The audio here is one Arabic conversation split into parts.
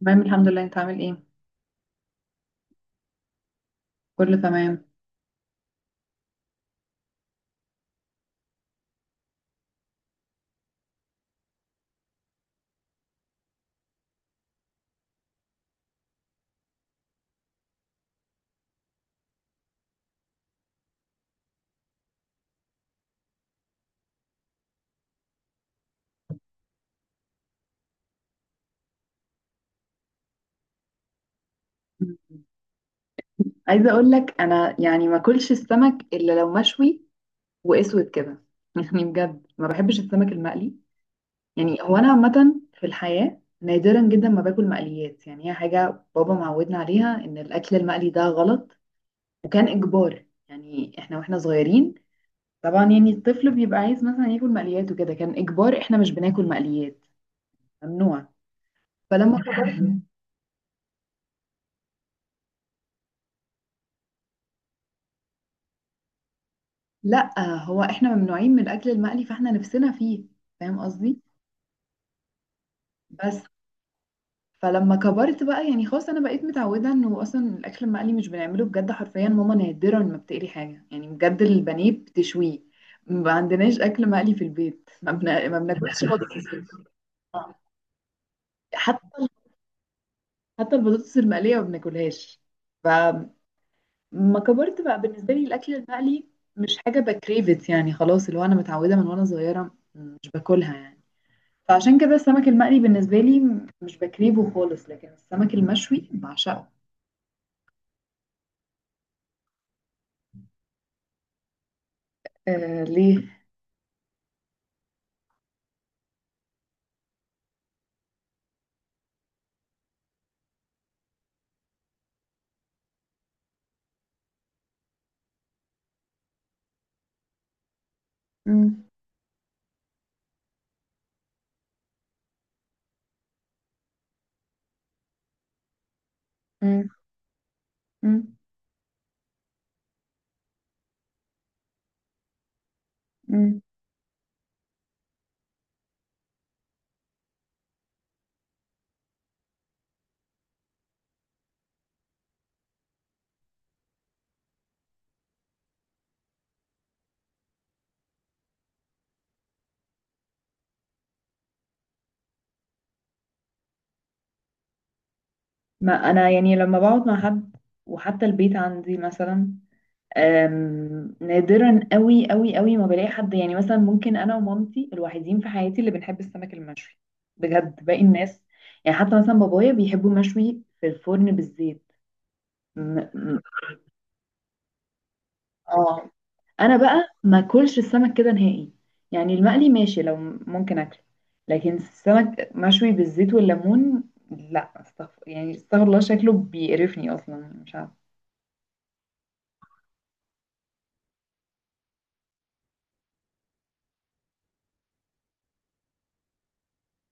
تمام الحمد لله، انت عامل ايه؟ كله تمام. مم. عايزه اقول لك، انا يعني ما اكلش السمك الا لو مشوي واسود كده يعني بجد ما بحبش السمك المقلي. يعني هو انا عامه في الحياه نادرا جدا ما باكل مقليات. يعني هي حاجه بابا معودنا عليها ان الاكل المقلي ده غلط. وكان اجبار يعني احنا واحنا صغيرين. طبعا يعني الطفل بيبقى عايز مثلا ياكل مقليات وكده كان اجبار احنا مش بناكل مقليات. ممنوع. فلما كبرت. لا، هو احنا ممنوعين من الاكل المقلي، فاحنا نفسنا فيه. فاهم قصدي؟ بس. فلما كبرت بقى يعني خلاص انا بقيت متعوده انه اصلا الاكل المقلي مش بنعمله. بجد حرفيا ماما نادرا ما بتقلي حاجه. يعني بجد البانيه بتشويه. ما عندناش اكل مقلي في البيت. ما بناكلش بطاطس. حتى حتى البطاطس المقليه ما بناكلهاش. فما كبرت بقى بالنسبه لي الاكل المقلي مش حاجه بكريفت. يعني خلاص اللي هو انا متعوده من وانا صغيره مش باكلها يعني. فعشان كده السمك المقلي بالنسبة لي مش بكرهه خالص، لكن السمك المشوي بعشقه. آه، ليه؟ مم. مم. مم. مم. ما أنا يعني لما بقعد مع حد، وحتى البيت عندي مثلا، نادرا قوي قوي قوي ما بلاقي حد. يعني مثلا ممكن أنا ومامتي الوحيدين في حياتي اللي بنحب السمك المشوي. بجد باقي الناس، يعني حتى مثلا بابايا بيحبوا مشوي في الفرن بالزيت. م- م- اه. انا بقى ما اكلش السمك كده نهائي. يعني المقلي ماشي لو ممكن اكله، لكن السمك مشوي بالزيت والليمون، لا، استغفر. يعني استغفر الله شكله بيقرفني اصلا مش عارفه.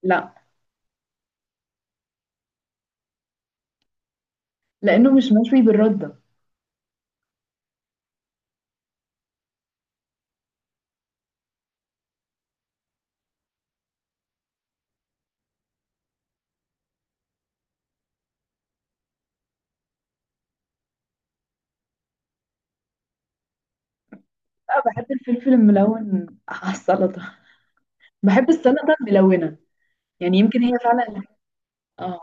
لا، لانه مش مشوي بالرده. لا، بحب الفلفل الملون على السلطه. بحب السلطه الملونه. يعني يمكن هي فعلا. اه.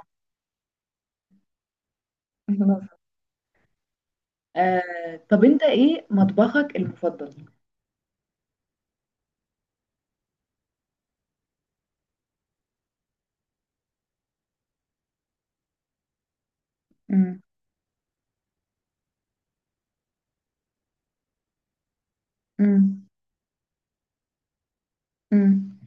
طب انت ايه مطبخك المفضل؟ امم. امم.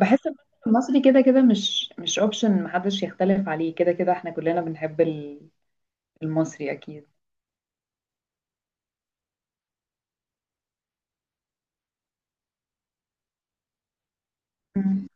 بحس المثل المصري كده كده مش اوبشن، محدش يختلف عليه. كده كده احنا كلنا بنحب المصري اكيد. مم.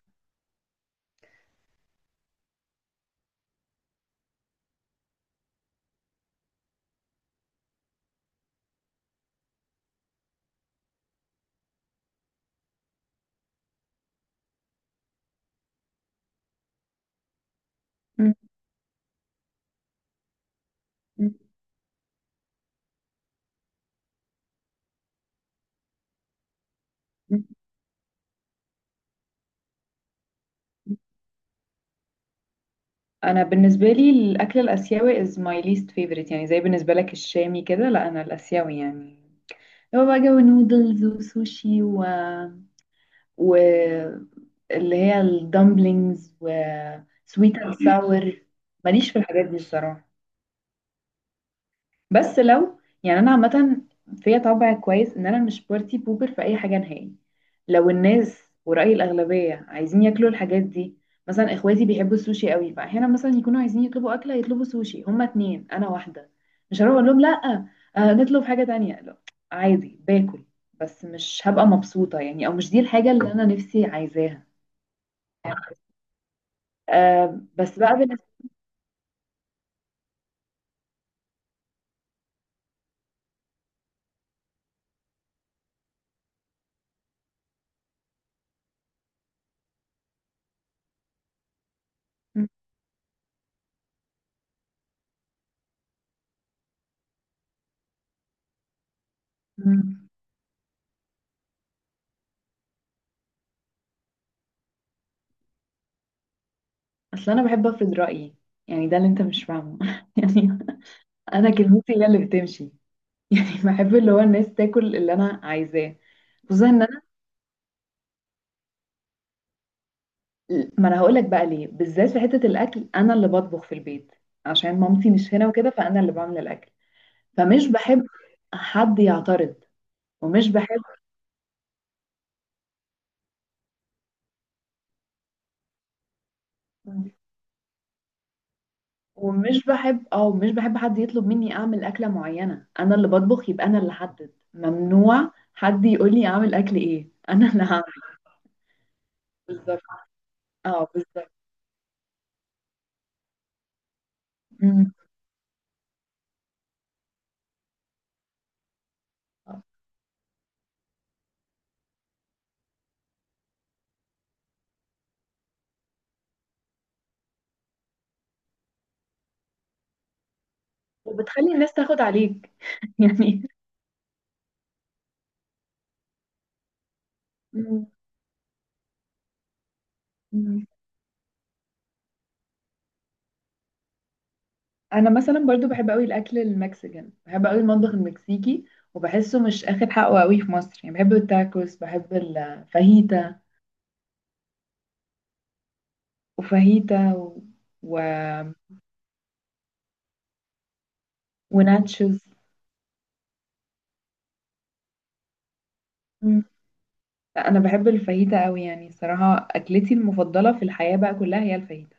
مم. مم. مم. انا بالنسبه لي الاكل الاسيوي is my least favorite، يعني زي بالنسبه لك الشامي كده. لا انا الاسيوي، يعني هو بقى جو نودلز وسوشي و اللي هي الدمبلينجز و sweet and sour. ماليش في الحاجات دي الصراحه. بس لو يعني انا عامه فيا طبع كويس ان انا مش بارتي بوبر في اي حاجه نهائي. لو الناس ورأي الاغلبيه عايزين ياكلوا الحاجات دي، مثلا اخواتي بيحبوا السوشي قوي. فاحيانا مثلا يكونوا عايزين يطلبوا اكله يطلبوا سوشي، هما اتنين انا واحده. مش هروح اقول لهم لا، آه نطلب حاجه تانية. لا، عادي باكل، بس مش هبقى مبسوطه يعني، او مش دي الحاجه اللي انا نفسي عايزاها. آه بس بقى بالنسبه. م- م- اصل انا بحب افرض رأيي. يعني ده اللي انت مش فاهمه يعني انا كلمتي هي اللي بتمشي يعني بحب اللي هو الناس تاكل اللي انا عايزاه. خصوصا ان انا، ما انا هقول لك بقى ليه، بالذات في حته الاكل انا اللي بطبخ في البيت. عشان مامتي مش هنا وكده، فانا اللي بعمل الاكل. فمش بحب حد يعترض. ومش بحب ومش بحب مش بحب حد يطلب مني اعمل اكله معينه. انا اللي بطبخ يبقى انا اللي احدد. ممنوع حد يقول لي اعمل اكل ايه انا اللي هعمل. بالظبط. اه بالظبط. أمم. وبتخلي الناس تاخد عليك يعني. مم. مم. انا مثلا برضو بحب قوي الاكل المكسيكان، بحب قوي المطبخ المكسيكي. وبحسه مش اخد حقه قوي في مصر. يعني بحب التاكوس بحب الفاهيتا وفاهيتا و... وناتشوز. مم. لا، انا بحب الفاهيتا قوي. يعني صراحة اكلتي المفضلة في الحياة بقى كلها هي الفاهيتا.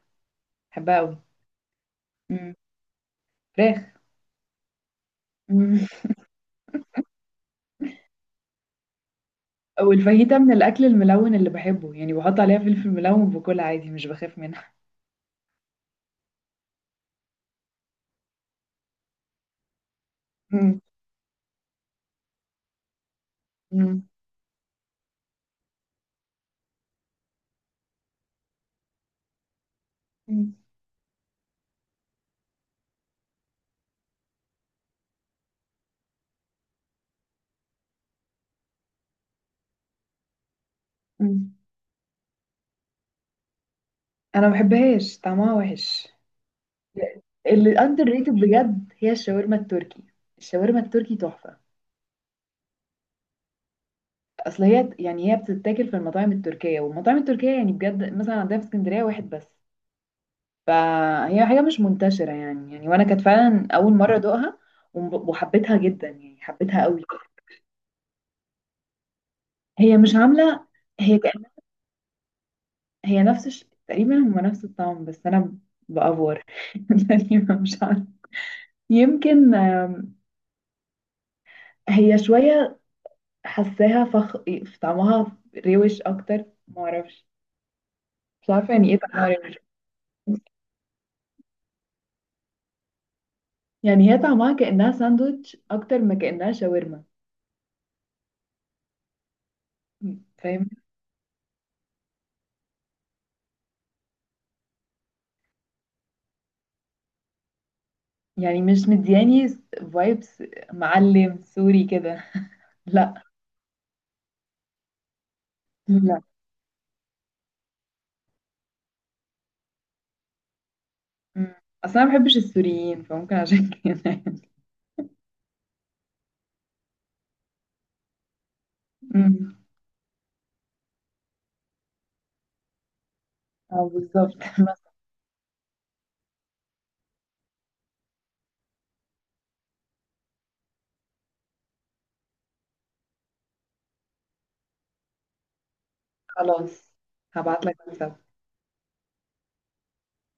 بحبها قوي. مم. فراخ. مم. والفاهيتا من الاكل الملون اللي بحبه. يعني بحط عليها فلفل ملون وباكلها عادي مش بخاف منها. مم. مم. مم. انا ما بحبهاش طعمها وحش. اللي اندر ريتد بجد هي الشاورما التركي. الشاورما التركي تحفه. اصل هي يعني هي بتتاكل في المطاعم التركيه، والمطاعم التركيه يعني بجد مثلا عندنا في اسكندريه واحد بس. فهي حاجه مش منتشره يعني وانا كانت فعلا اول مره ادوقها. وحبيتها جدا يعني حبيتها قوي. هي مش عامله. هي كأن- هي نفس تقريبا هما نفس الطعم، بس انا بافور يعني مش عارفه. يمكن هي شويه حاساها فخ. طعمها روش اكتر معرفش. مش عارفه يعني ايه طعمها روش. يعني هي طعمها كأنها ساندوتش أكتر ما كأنها شاورما. فاهم؟ يعني مش مدياني فايبس. معلم سوري كده. لا، لا. مم. أصلا ما بحبش السوريين فممكن عشان كده. مم. اه بالظبط بس. خلاص، هبعتلك واتساب.